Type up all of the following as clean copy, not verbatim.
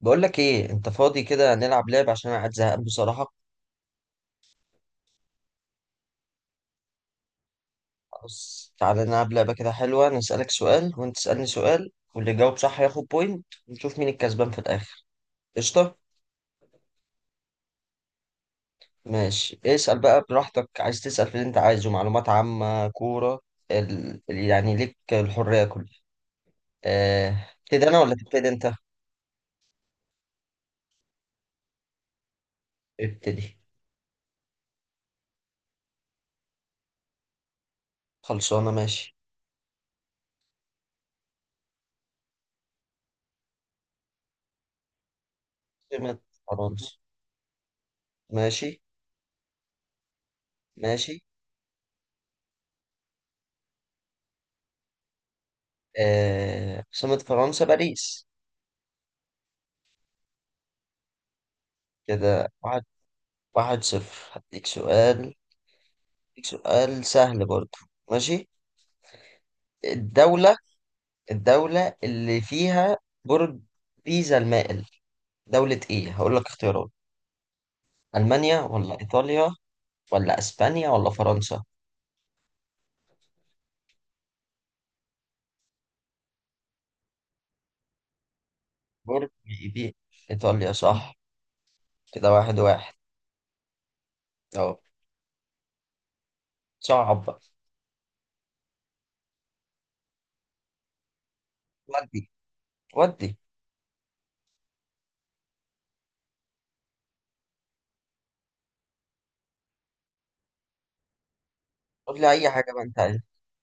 بقول لك ايه، انت فاضي كده؟ نلعب لعبة عشان انا قاعد زهقان بصراحة. خلاص، تعالى نلعب لعبة كده حلوة. انا اسالك سؤال وانت تسالني سؤال، واللي يجاوب صح ياخد بوينت، ونشوف مين الكسبان في الاخر. قشطة. ماشي، اسال بقى براحتك، عايز تسال في اللي انت عايزه، معلومات عامة، كورة، يعني ليك الحرية كلها. ابتدي انا ولا تبتدي انت؟ ابتدي. خلصانة. ماشي. عاصمة فرنسا. ماشي. ماشي. عاصمة فرنسا باريس. كده واحد، واحد صفر، هديك سؤال. هديك سؤال سهل برضو. ماشي. الدولة الدولة اللي فيها برج بيزا المائل، دولة ايه؟ هقول لك اختيارات: ألمانيا ولا إيطاليا ولا أسبانيا ولا فرنسا؟ برج بي إيطاليا صح. كده واحد واحد. أهو. صعب بقى. ودي ودي. قول لي أي حاجة بقى أنت عايزها.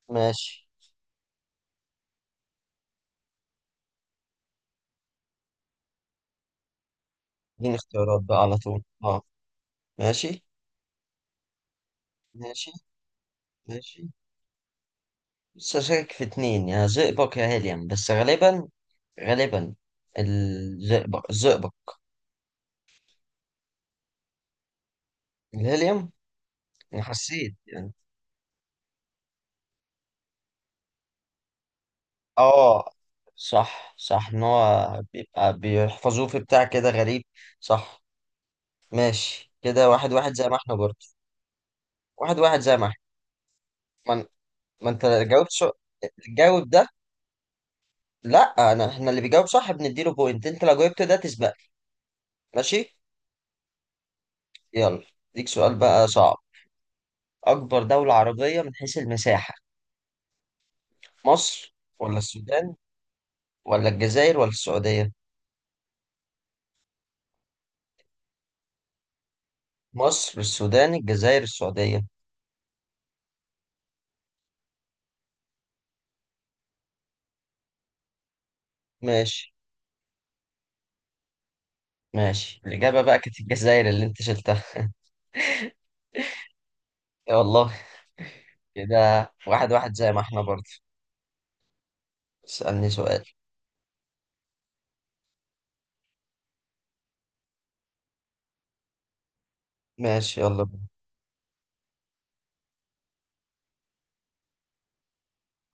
ماشي. اديني اختيارات بقى على طول، اه. ماشي. ماشي. ماشي. لسه شاكك في اتنين، يا زئبق يا هيليوم، بس غالبا، غالبا الزئبق، الزئبق، الهيليوم. انا حسيت يعني. اه. صح، صح، ان هو بيبقى بيحفظوه في بتاع كده غريب. صح. ماشي، كده واحد واحد زي ما احنا برضه. واحد واحد زي ما احنا. ما, ان- ما انت جاوبت سو... جاوب ده. لا انا، احنا اللي بيجاوب صح بنديله بوينت، انت لو جاوبت ده تسبق. ماشي. يلا. ليك سؤال بقى صعب: اكبر دولة عربية من حيث المساحة، مصر ولا السودان ولا الجزائر ولا السعودية؟ مصر، السودان، الجزائر، السعودية. ماشي. ماشي، الإجابة بقى كانت الجزائر اللي أنت شلتها. يا والله. كده واحد واحد زي ما احنا برضه. اسألني سؤال. ماشي. يلا بينا.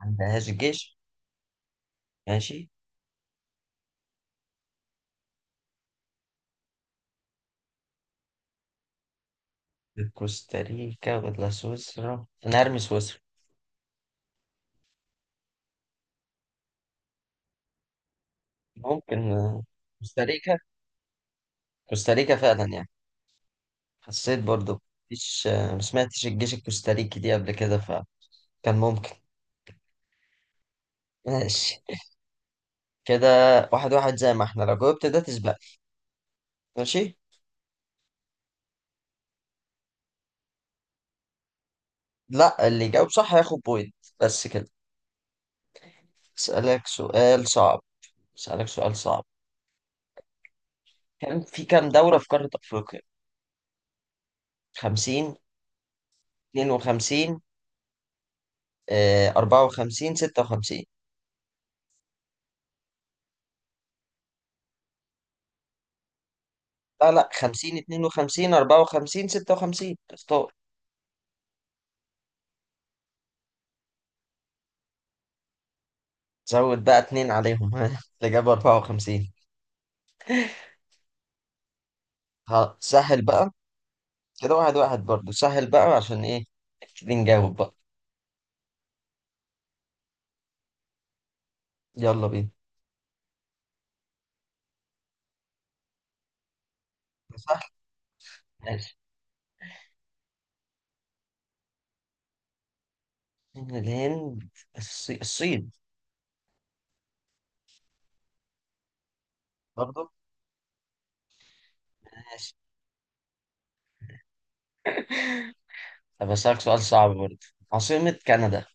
عندهاش جيش. ماشي. كوستاريكا ولا سويسرا، أنا هرمي سويسرا. ممكن. كوستاريكا كوستاريكا فعلا يعني، حسيت برضه. مفيش. ما سمعتش الجيش الكوستاريكي دي قبل كده، فكان ممكن. ماشي، كده واحد واحد زي ما احنا، لو جاوبت ده تسبق. ماشي. لا، اللي يجاوب صح هياخد بوينت بس كده. اسألك سؤال صعب. اسألك سؤال صعب: كان في كام دولة في قارة أفريقيا؟ 50، 52، 54، 56. لا لا، 50، 52، 54، 56، اختار. زود بقى اتنين عليهم ها، الإجابة 54. ها، سهل بقى. كده واحد واحد برضه، سهل بقى عشان إيه. نبتدي نجاوب بقى. يلا بينا. سهل. ماشي. من الهند، الصين. برضه. طب أسألك سؤال صعب برضه: عاصمة كندا.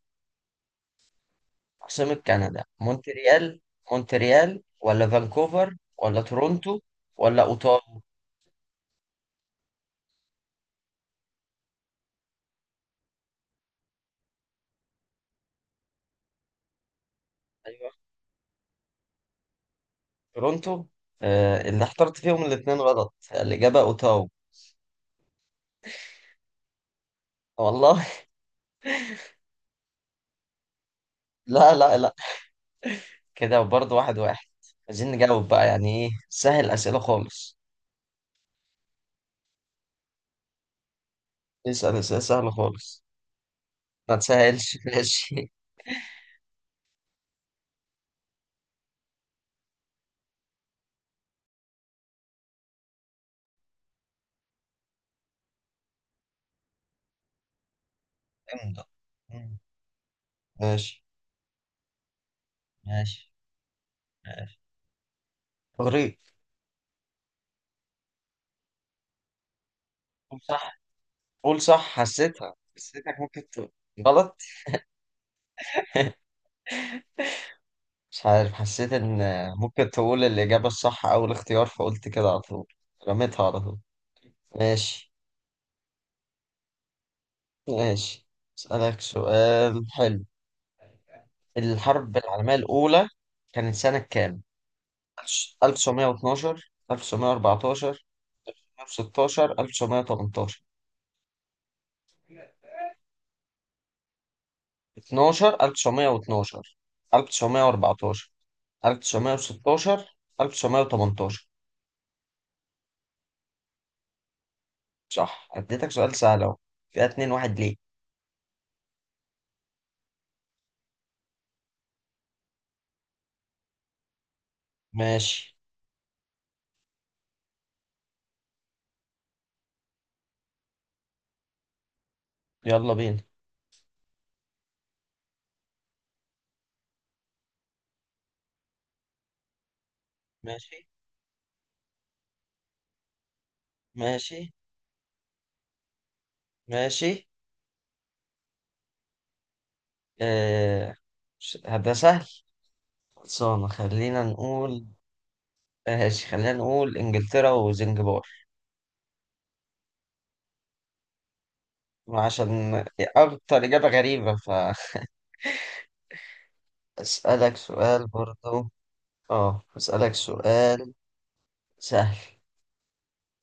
عاصمة كندا مونتريال، مونتريال ولا فانكوفر ولا تورونتو ولا أوتاوا؟ أيوه. تورونتو. آه، اللي اخترت فيهم الاتنين غلط، الإجابة أوتاوا. والله لا لا لا، كده برضه واحد واحد. عايزين نجاوب بقى يعني، إيه سهل، أسئلة خالص. اسأل أسئلة سهلة خالص. ما تسهلش ماشي. امضى. مم. ماشي. ماشي. ماشي. إغريق. صح، قول صح، حسيتها، حسيتك ممكن تقول. غلط. مش عارف، حسيت ان ممكن تقول الإجابة الصح أو الاختيار، فقلت كده على طول، رميتها على طول. ماشي. ماشي. أسألك سؤال حلو: الحرب العالمية الأولى كانت سنة كام؟ 1912، 1914، 1916، 1918. 12، 1912، 1914، 1916، 1918. صح، اديتك سؤال سهل اهو، فيها اتنين واحد ليه. ماشي. يلا بينا. ماشي. ماشي. ماشي. آه... ده سهل. خلصانة، خلينا نقول. ماشي، خلينا نقول انجلترا وزنجبار. عشان اكتر اجابة غريبة. فاسألك سؤال برضو. اه، اسألك سؤال سهل.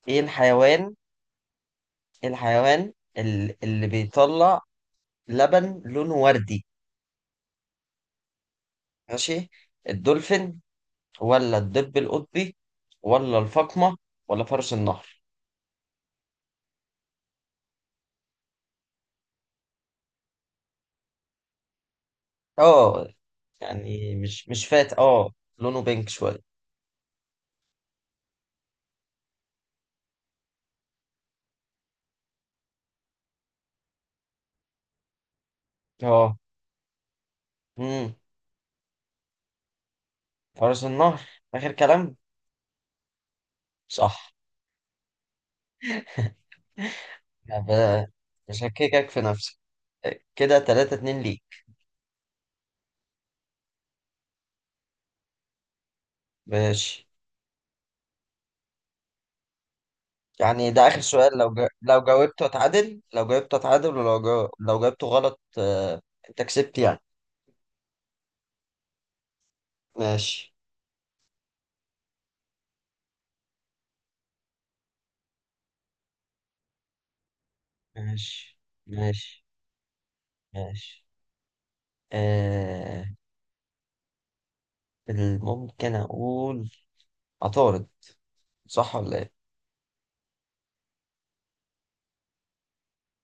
ايه الحيوان، إيه الحيوان اللي بيطلع لبن لونه وردي؟ ماشي. الدولفين ولا الدب القطبي ولا الفقمة ولا فرس النهر؟ اه. يعني مش فات اه، لونه بينك شوية. اه. امم فرس النهر، آخر كلام. صح. يعني بشككك في نفسك. كده تلاتة اتنين ليك. ماشي. يعني ده آخر سؤال، لو جاوبته اتعادل، لو جاوبته اتعادل، لو جاوبته غلط، انت كسبت يعني. ماشي. ماشي. ماشي. ماشي. آه... ممكن أقول عطارد، صح ولا ايه؟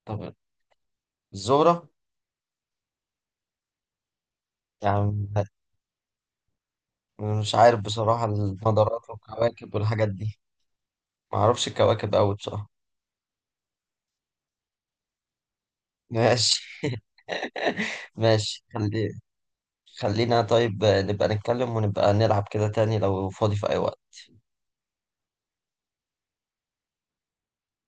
طب، الزهرة. يعني مش عارف بصراحة، المجرات والكواكب والحاجات دي، ما اعرفش الكواكب قوي بصراحة. ماشي. ماشي. خلينا طيب نبقى نتكلم ونبقى نلعب كده تاني لو فاضي في اي وقت.